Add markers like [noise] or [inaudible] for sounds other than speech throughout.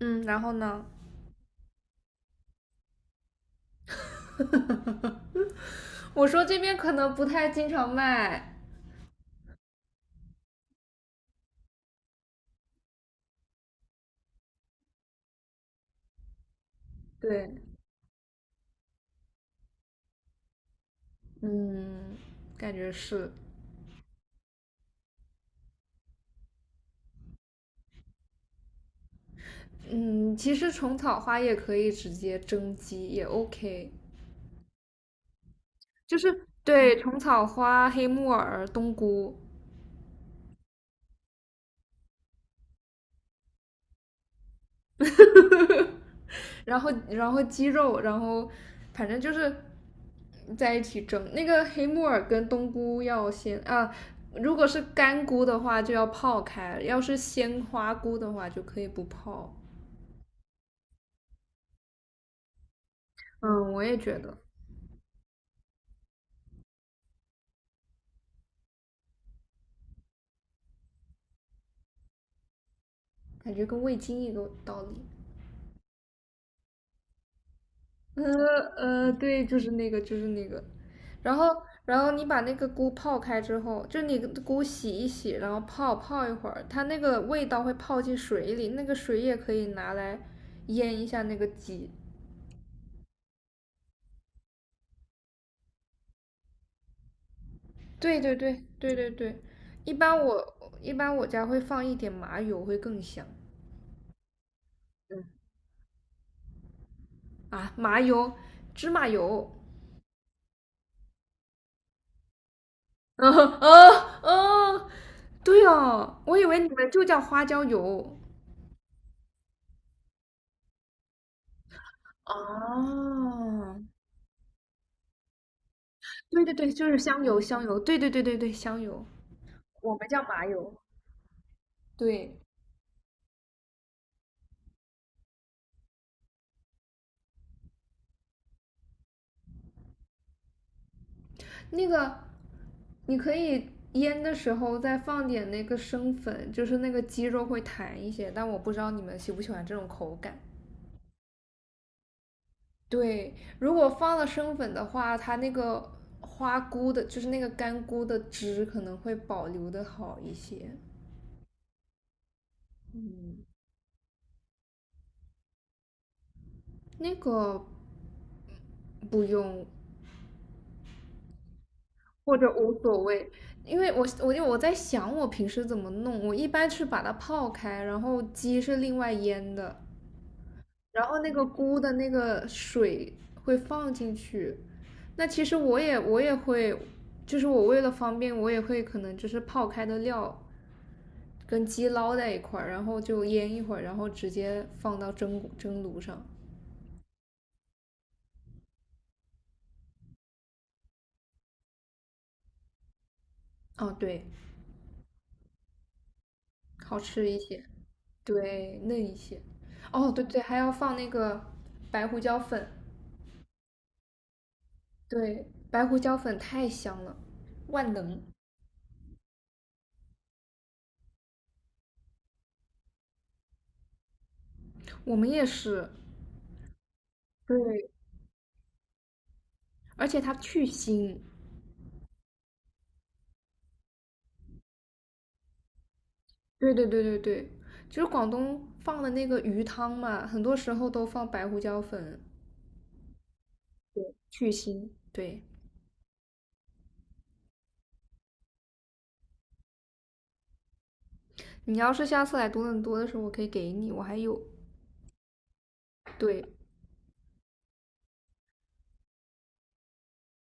嗯，然后呢？[laughs] 我说这边可能不太经常卖。对，嗯，感觉是。嗯，其实虫草花也可以直接蒸鸡，也 OK。就是对虫草花、黑木耳、冬菇，[laughs] 然后鸡肉，然后反正就是在一起蒸。那个黑木耳跟冬菇要先啊，如果是干菇的话就要泡开，要是鲜花菇的话就可以不泡。嗯，我也觉得，感觉跟味精一个道理。呃对，就是那个，就是那个。然后，然后你把那个菇泡开之后，就你菇洗一洗，然后泡一会儿，它那个味道会泡进水里，那个水也可以拿来腌一下那个鸡。对对对对对对，一般我家会放一点麻油，会更香。嗯啊，麻油，芝麻油。[laughs] 啊啊！对哦，我以为你们就叫花椒油。哦，对对对，就是香油，香油，对对对对对，香油。还有，对，那个你可以腌的时候再放点那个生粉，就是那个鸡肉会弹一些，但我不知道你们喜不喜欢这种口感。对，如果放了生粉的话，它那个花菇的，就是那个干菇的汁可能会保留的好一些。嗯，那个不用，或者无所谓，因为我在想我平时怎么弄，我一般是把它泡开，然后鸡是另外腌的，然后那个菇的那个水会放进去。那其实我也会，就是我为了方便，我也会可能就是泡开的料跟鸡捞在一块儿，然后就腌一会儿，然后直接放到蒸炉上。哦，对，好吃一些，对，嫩一些。哦，对对，还要放那个白胡椒粉。对，白胡椒粉太香了，万能。我们也是。对，而且它去腥。对对对对对，就是广东放的那个鱼汤嘛，很多时候都放白胡椒粉去腥。对，你要是下次来多伦多的时候，我可以给你，我还有。对，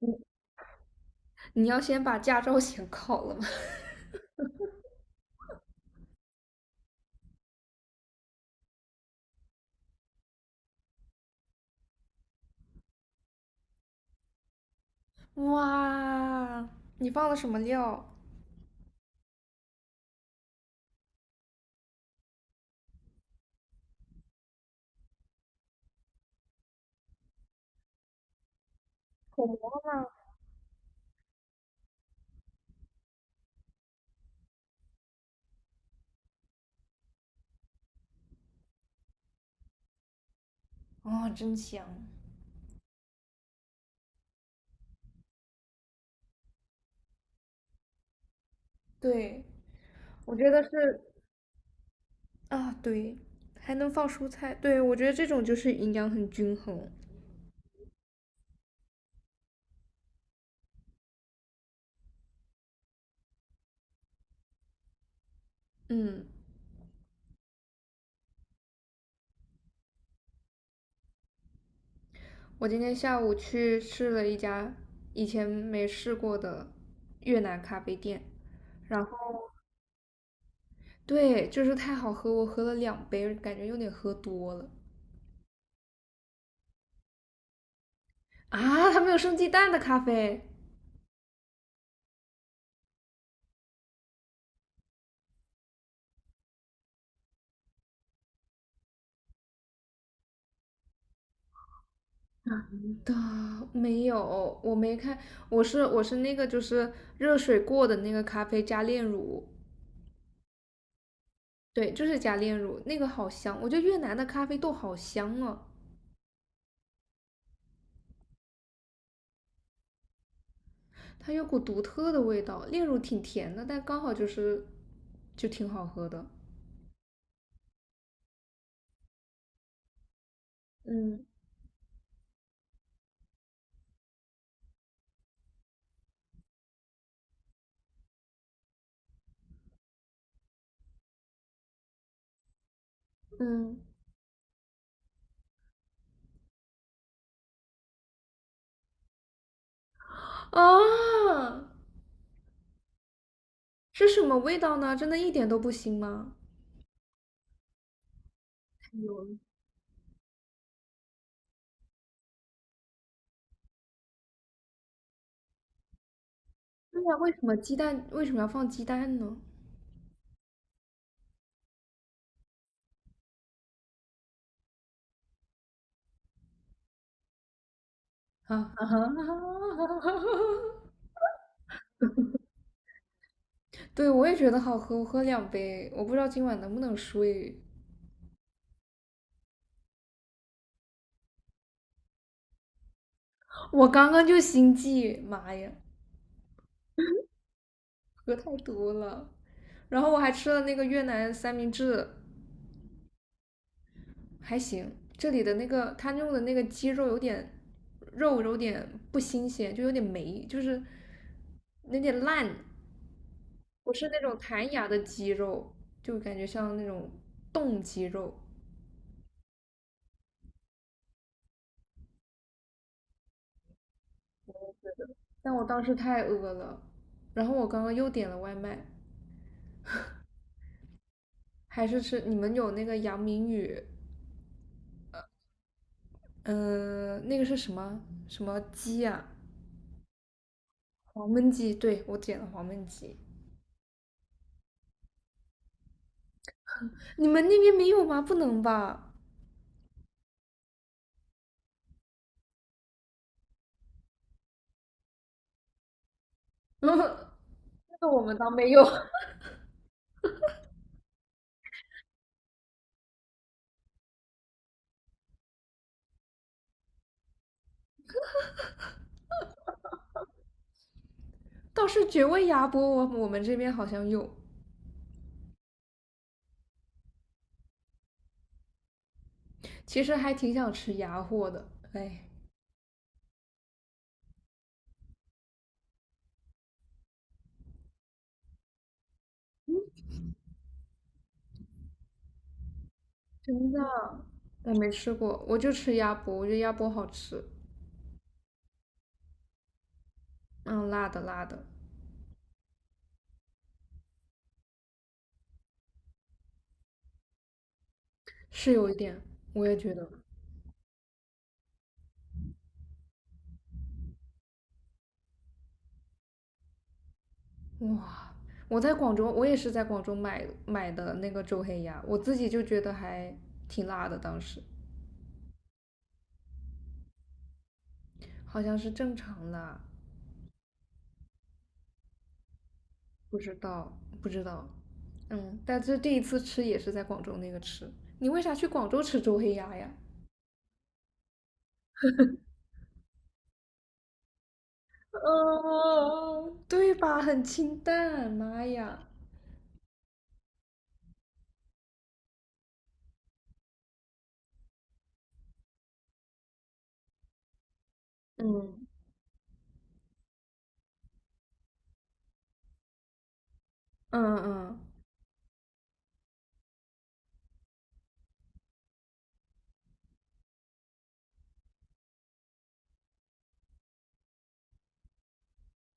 你你要先把驾照 [laughs] 先考了吗？[laughs] 哇，你放了什么料？口蘑。哦，真香！对，我觉得是啊，对，还能放蔬菜，对，我觉得这种就是营养很均衡。嗯，我今天下午去试了一家以前没试过的越南咖啡店，然后对，就是太好喝，我喝了两杯，感觉有点喝多了啊！它没有生鸡蛋的咖啡的，没有，我没看，我是那个就是热水过的那个咖啡加炼乳，对，就是加炼乳，那个好香，我觉得越南的咖啡豆好香啊。它有股独特的味道，炼乳挺甜的，但刚好就是就挺好喝的。嗯嗯，啊，是什么味道呢？真的一点都不腥吗？对呀，为什么鸡蛋为什么要放鸡蛋呢？啊，啊哈，[laughs] 对，我也觉得好喝，我喝两杯，我不知道今晚能不能睡。我刚刚就心悸，妈呀，喝太多了，然后我还吃了那个越南三明治，还行。这里的那个他用的那个鸡肉有点肉有点不新鲜，就有点霉，就是有点烂，不是那种弹牙的鸡肉，就感觉像那种冻鸡肉。但我当时太饿了，然后我刚刚又点了外卖，还是吃你们有那个杨明宇，那个是什么什么鸡啊？黄焖鸡，对，我点了黄焖鸡。你们那边没有吗？不能吧？[laughs] 那个我们倒没有。[laughs] 倒是绝味鸭脖，我们这边好像有，其实还挺想吃鸭货的，哎，真的，我没吃过，我就吃鸭脖，我觉得鸭脖好吃，嗯，辣的辣的，是有一点，我也觉得，哇，我在广州，我也是在广州买的那个周黑鸭，我自己就觉得还挺辣的，当时好像是正常辣，不知道不知道，嗯，但是第一次吃也是在广州那个吃，你为啥去广州吃周黑鸭呀？嗯，对吧？很清淡，妈呀！嗯，嗯嗯，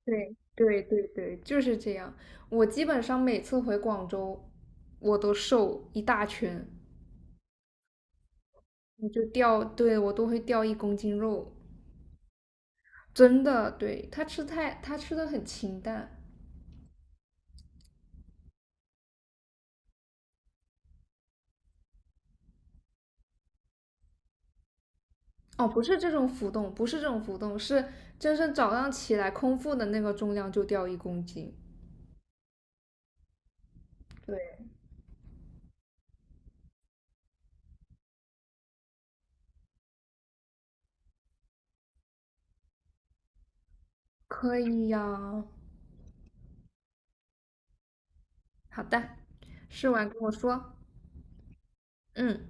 对，对对对，就是这样。我基本上每次回广州，我都瘦一大圈，我就掉，对，我都会掉一公斤肉，真的。对，他吃太，他吃的很清淡。哦，不是这种浮动，不是这种浮动，是真正早上起来空腹的那个重量就掉一公斤。对，可以呀，好的，试完跟我说。嗯。